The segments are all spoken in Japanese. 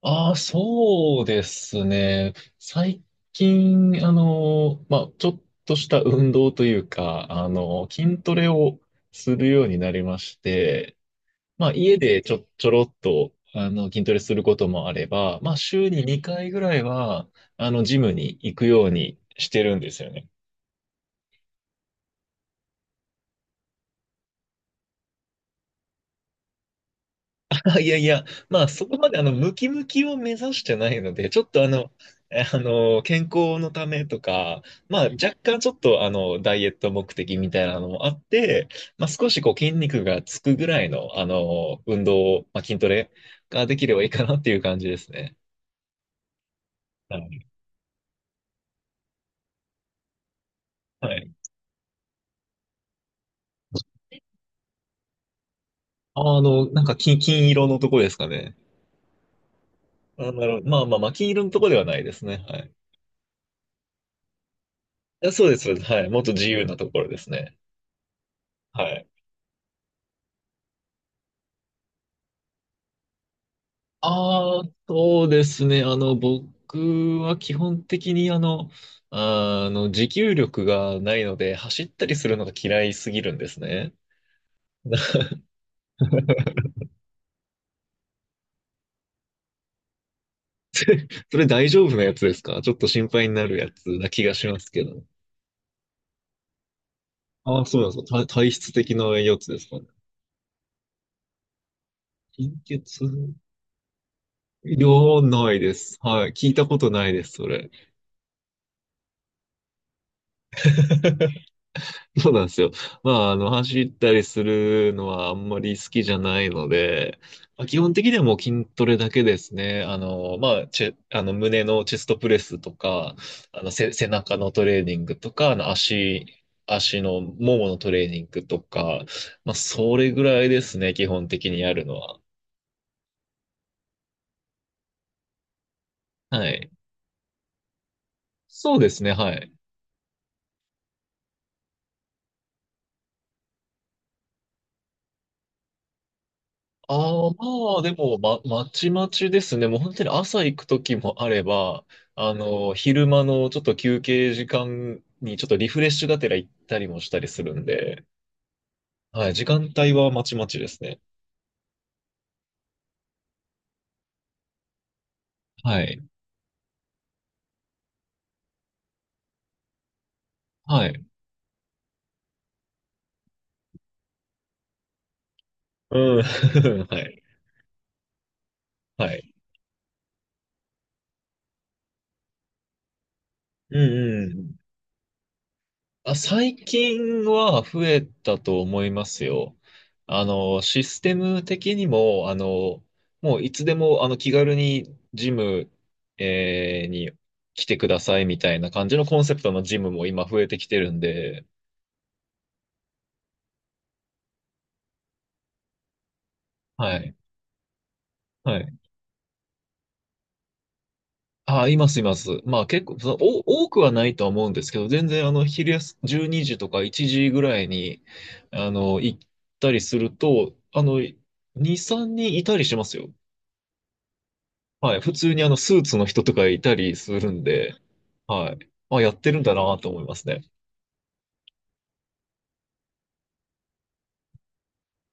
ああ、そうですね。最近、まあ、ちょっとした運動というか、筋トレをするようになりまして、まあ、家でちょろっと、筋トレすることもあれば、まあ、週に2回ぐらいは、ジムに行くようにしてるんですよね。あ、いやいや、まあそこまであのムキムキを目指してないので、ちょっとあの、えあの、健康のためとか、まあ若干ちょっとダイエット目的みたいなのもあって、まあ少しこう筋肉がつくぐらいの運動、まあ筋トレができればいいかなっていう感じですね。はい。はい。あ、なんか金色のとこですかね？あ、なるほど。まあまあまあ、金色のとこではないですね。はい。いやそうです、そうです。はい。もっと自由なところですね。はい。ああ、そうですね。僕は基本的に持久力がないので、走ったりするのが嫌いすぎるんですね。それ大丈夫なやつですか？ちょっと心配になるやつな気がしますけど。ああ、そうなんですか。体質的なやつですかね？貧血？いやー、ないです。はい。聞いたことないです、それ。そうなんですよ。まあ、走ったりするのはあんまり好きじゃないので、まあ、基本的にはもう筋トレだけですね。まあ、チェ、あの、胸のチェストプレスとか、背中のトレーニングとか、足のもものトレーニングとか、まあ、それぐらいですね、基本的にやるのは。はい。そうですね、はい。ああ、まあ、でも、まちまちですね。もう本当に朝行く時もあれば、昼間のちょっと休憩時間にちょっとリフレッシュがてら行ったりもしたりするんで、はい、時間帯はまちまちですね。はい。はい。うん。はい。はい。うんうん。あ、最近は増えたと思いますよ。システム的にも、もういつでも、気軽にジムに来てくださいみたいな感じのコンセプトのジムも今増えてきてるんで、はい。はい。あ、います、います。まあ結構、多くはないとは思うんですけど、全然、12時とか1時ぐらいに、行ったりすると、2、3人いたりしますよ。はい。普通にスーツの人とかいたりするんで、はい。あ、やってるんだなと思いますね。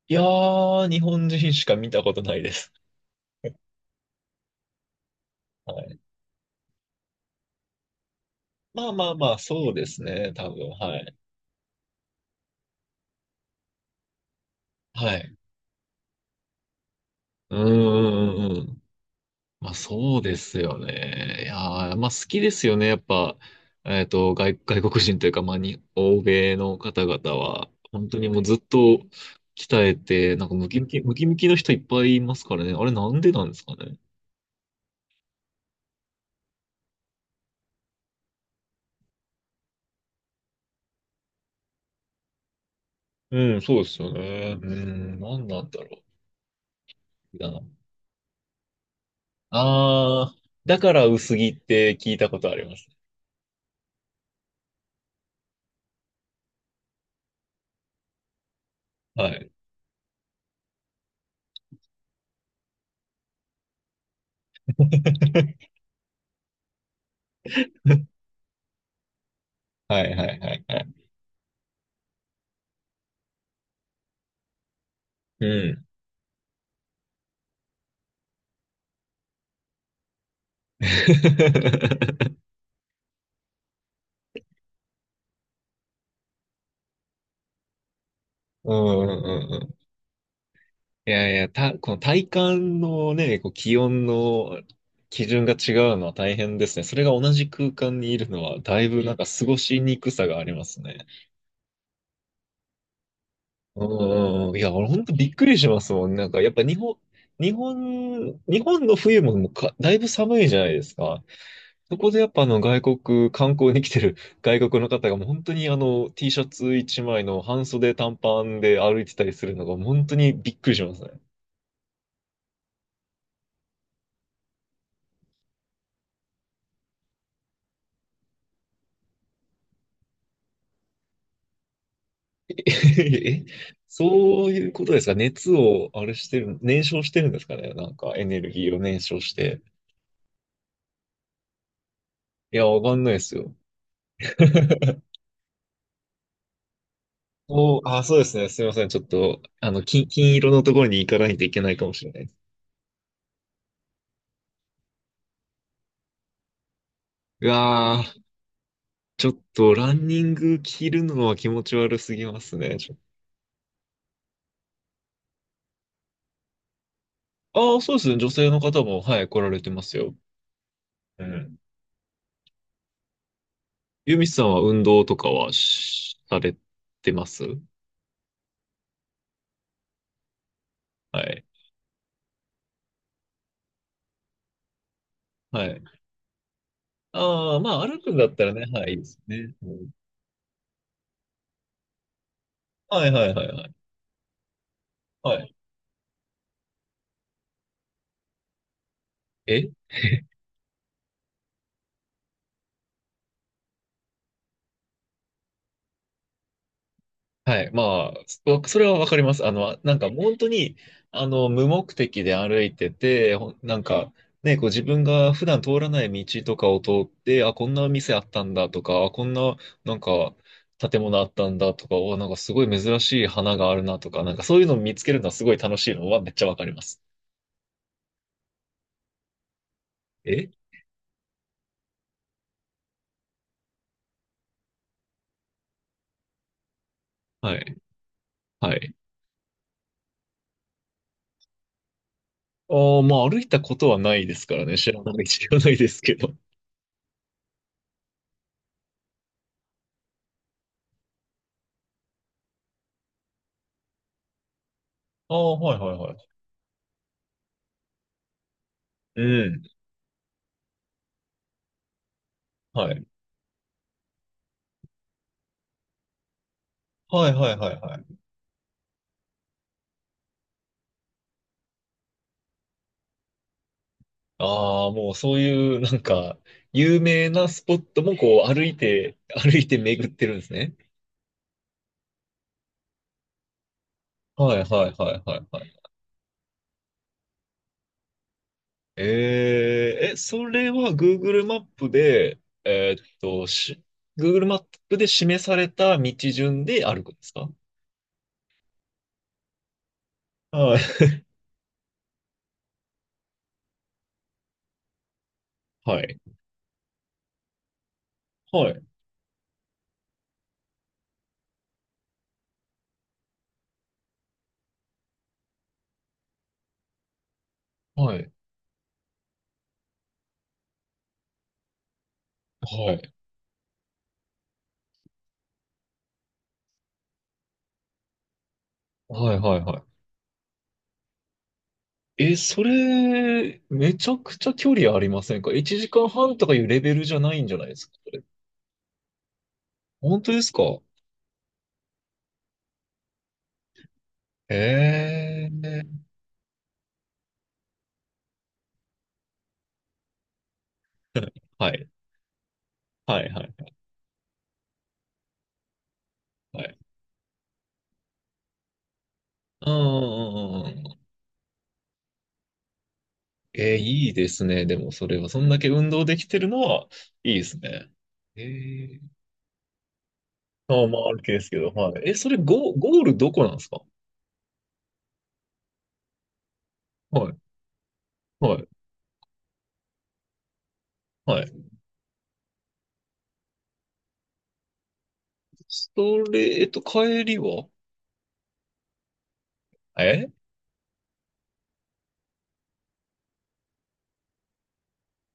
いやー、日本人しか見たことないです。はい。まあまあまあ、そうですね。多分、はい。はい。うんうんうんうん。まあそうですよね。いやー、まあ好きですよね。やっぱ、外国人というか、まあに、欧米の方々は、本当にもうずっと鍛えて、なんかムキムキ、ムキムキの人いっぱいいますからね。あれなんでなんですかね？うん、そうですよね。うん、なんなんだろう。だな。あー、だから薄着って聞いたことあります。はい。はいはいはいはい。うん。うんうんうんうん。いやいや、この体感のね、こう気温の基準が違うのは大変ですね。それが同じ空間にいるのは、だいぶなんか過ごしにくさがありますね。うんうんいや、俺本当びっくりしますもん。なんか、やっぱ日本の冬ももうだいぶ寒いじゃないですか。そこでやっぱあの外国、観光に来てる 外国の方がもう本当にT シャツ一枚の半袖短パンで歩いてたりするのが本当にびっくりしますね。え、そういうことですか？熱をあれしてる、燃焼してるんですかね？なんかエネルギーを燃焼して。いや、わかんないですよ。おー、あー、そうですね。すいません。ちょっと、金色のところに行かないといけないかもしれないです。うわー、ちょっと、ランニング着るのは気持ち悪すぎますね。ああ、そうですね。女性の方も、はい、来られてますよ。うん。ユミさんは運動とかはされてます？はい。はい。ああ、まあ、歩くんだったらね、はい、いいですね。うんはいはいはいはい。はい。え はい。まあ、それはわかります。なんか本当に、無目的で歩いてて、なんか、ね、こう自分が普段通らない道とかを通って、あ、こんな店あったんだとか、あ、こんな、なんか、建物あったんだとか、お、なんかすごい珍しい花があるなとか、なんかそういうのを見つけるのはすごい楽しいのはめっちゃわかります。えはい。はい。ああ、まあ歩いたことはないですからね。知らない、知らないですけど。ああ、はいはいはい。うん。はい。はいはいはいはい。ああ、もうそういう、なんか、有名なスポットもこう歩いて、歩いて巡ってるんですね。はいはいはいはいはい。それは Google マップで、えーっと、し、Google マップで示された道順で歩くんですか？はい。はい。はい。はい。はい。はいはいはい。え、それ、めちゃくちゃ距離ありませんか？ 1 時間半とかいうレベルじゃないんじゃないですかこれ？本当ですか？ええ、はい。はい、はい、はい。うんうんうんうんうん。いいですね。でも、それは、そんだけ運動できてるのは、いいですね。えー、まあまあ、あるけですけど、はい。え、それ、ゴールどこなんですか？はい、はい、はい。それ、帰りは？え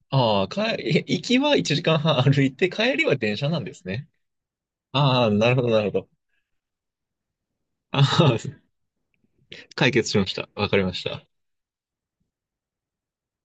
ああー、帰、行きは1時間半歩いて、帰りは電車なんですね。ああ、なるほど、なるほど。ああ、解決しました。わかりました。